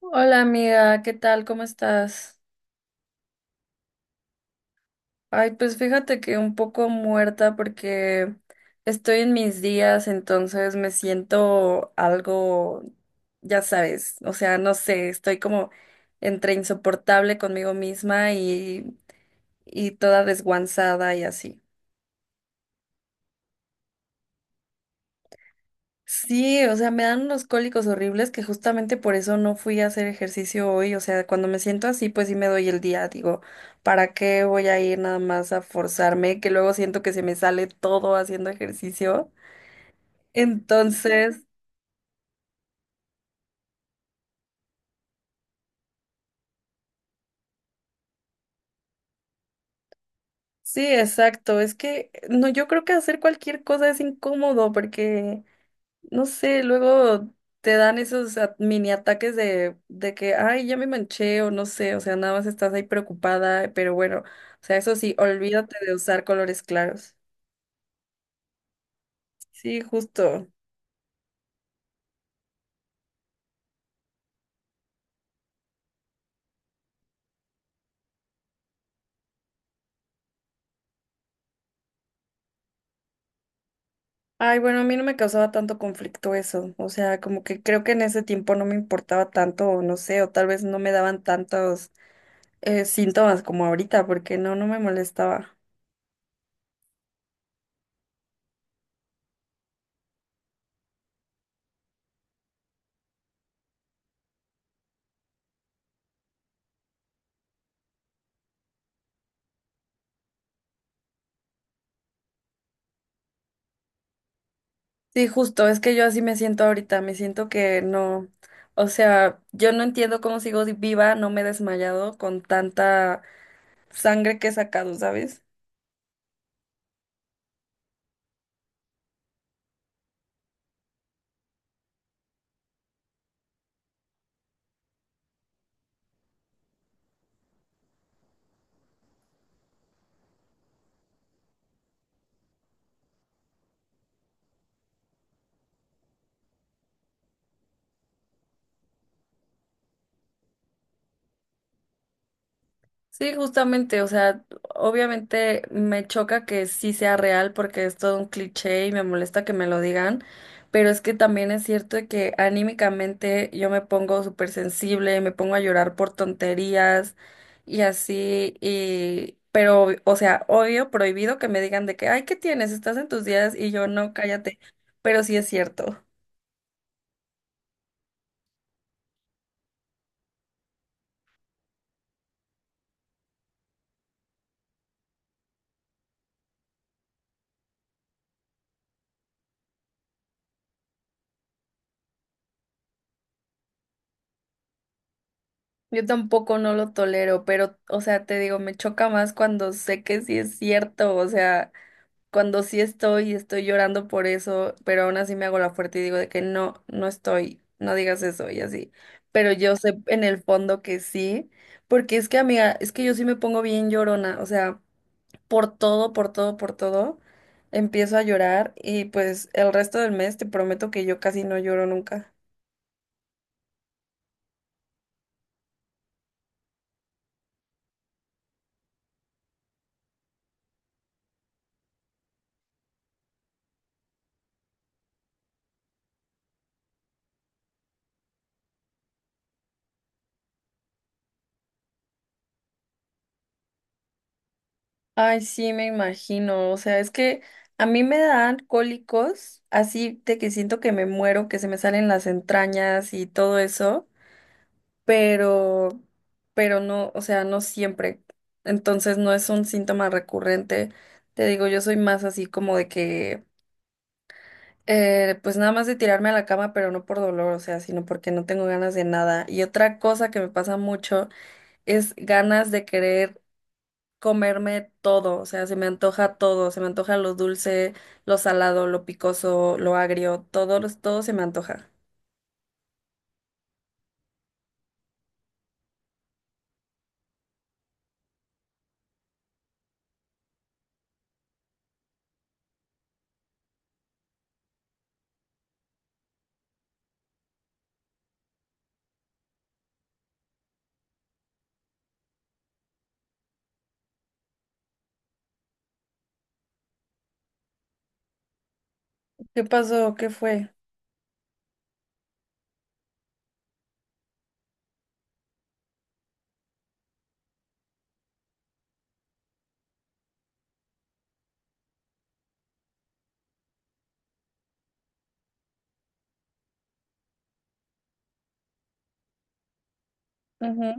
Hola amiga, ¿qué tal? ¿Cómo estás? Ay, pues fíjate que un poco muerta porque estoy en mis días, entonces me siento algo, ya sabes, o sea, no sé, estoy como entre insoportable conmigo misma y toda desguanzada y así. Sí, o sea, me dan unos cólicos horribles que justamente por eso no fui a hacer ejercicio hoy. O sea, cuando me siento así, pues sí me doy el día. Digo, ¿para qué voy a ir nada más a forzarme? Que luego siento que se me sale todo haciendo ejercicio. Entonces, sí, exacto. Es que no, yo creo que hacer cualquier cosa es incómodo porque no sé, luego te dan esos mini ataques de que, ay, ya me manché o no sé, o sea, nada más estás ahí preocupada, pero bueno, o sea, eso sí, olvídate de usar colores claros. Sí, justo. Ay, bueno, a mí no me causaba tanto conflicto eso, o sea, como que creo que en ese tiempo no me importaba tanto, o no sé, o tal vez no me daban tantos síntomas como ahorita, porque no, no me molestaba. Sí, justo, es que yo así me siento ahorita, me siento que no, o sea, yo no entiendo cómo sigo viva, no me he desmayado con tanta sangre que he sacado, ¿sabes? Sí, justamente, o sea, obviamente me choca que sí sea real porque es todo un cliché y me molesta que me lo digan, pero es que también es cierto de que anímicamente yo me pongo súper sensible, me pongo a llorar por tonterías y así, y pero, o sea, obvio, prohibido que me digan de que, ay, ¿qué tienes? Estás en tus días y yo no, cállate, pero sí es cierto. Yo tampoco no lo tolero, pero, o sea, te digo, me choca más cuando sé que sí es cierto, o sea, cuando sí estoy y estoy llorando por eso, pero aún así me hago la fuerte y digo de que no, no estoy, no digas eso y así. Pero yo sé en el fondo que sí, porque es que amiga, es que yo sí me pongo bien llorona, o sea, por todo, por todo, por todo, empiezo a llorar y pues el resto del mes te prometo que yo casi no lloro nunca. Ay, sí, me imagino. O sea, es que a mí me dan cólicos, así de que siento que me muero, que se me salen las entrañas y todo eso. pero, pero no, o sea, no siempre. Entonces no es un síntoma recurrente. Te digo, yo soy más así como de que, pues nada más de tirarme a la cama, pero no por dolor, o sea, sino porque no tengo ganas de nada. Y otra cosa que me pasa mucho es ganas de querer comerme todo, o sea, se me antoja todo, se me antoja lo dulce, lo salado, lo picoso, lo agrio, todo, todo se me antoja. ¿Qué pasó? ¿Qué fue? Ujú.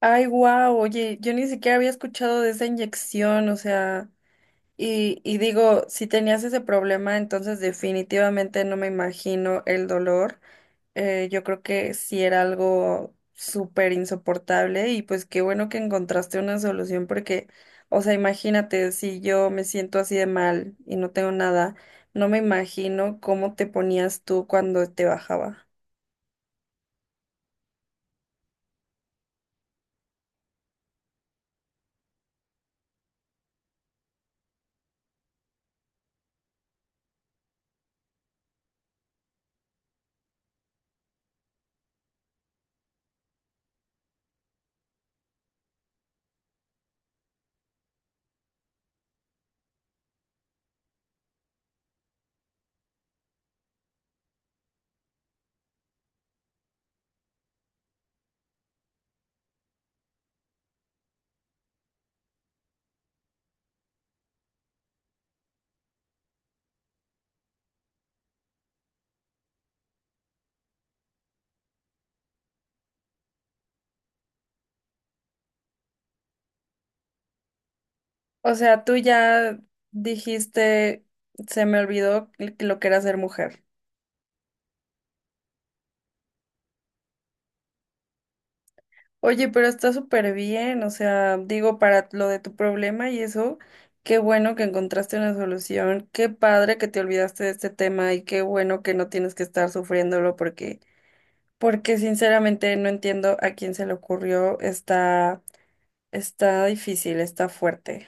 Ay, wow, oye, yo ni siquiera había escuchado de esa inyección, o sea, y digo, si tenías ese problema, entonces definitivamente no me imagino el dolor. Yo creo que sí era algo súper insoportable y pues qué bueno que encontraste una solución porque, o sea, imagínate, si yo me siento así de mal y no tengo nada, no me imagino cómo te ponías tú cuando te bajaba. O sea, tú ya dijiste, se me olvidó lo que era ser mujer. Oye, pero está súper bien, o sea, digo, para lo de tu problema y eso, qué bueno que encontraste una solución, qué padre que te olvidaste de este tema y qué bueno que no tienes que estar sufriéndolo porque, porque sinceramente no entiendo a quién se le ocurrió, está, está difícil, está fuerte.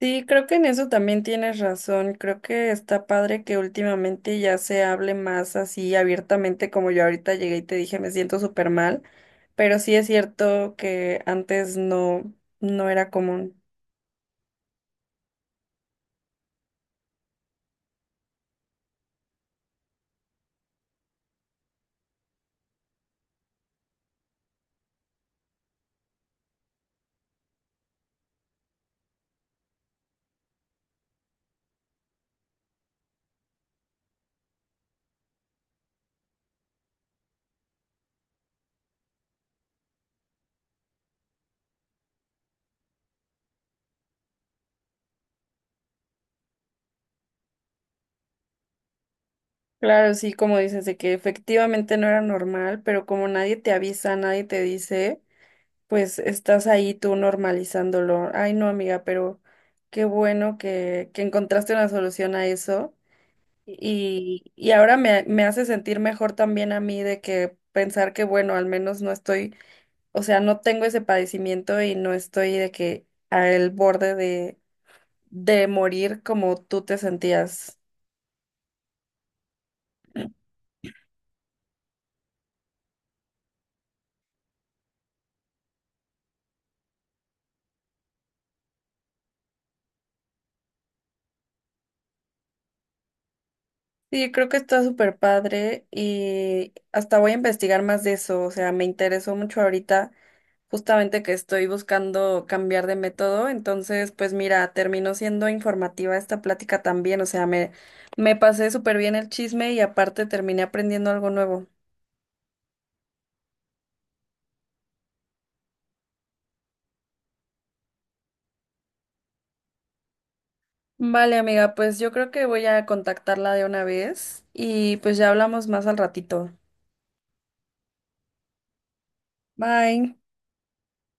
Sí, creo que en eso también tienes razón. Creo que está padre que últimamente ya se hable más así abiertamente, como yo ahorita llegué y te dije, me siento súper mal, pero sí es cierto que antes no, no era común. Claro, sí, como dices, de que efectivamente no era normal, pero como nadie te avisa, nadie te dice, pues estás ahí tú normalizándolo. Ay, no, amiga, pero qué bueno que encontraste una solución a eso. Y ahora me hace sentir mejor también a mí de que pensar que, bueno, al menos no estoy, o sea, no tengo ese padecimiento y no estoy de que al borde de morir como tú te sentías. Sí, creo que está súper padre y hasta voy a investigar más de eso, o sea, me interesó mucho ahorita. Justamente que estoy buscando cambiar de método, entonces pues mira, terminó siendo informativa esta plática también, o sea, me pasé súper bien el chisme y aparte terminé aprendiendo algo nuevo. Vale, amiga, pues yo creo que voy a contactarla de una vez y pues ya hablamos más al ratito. Bye.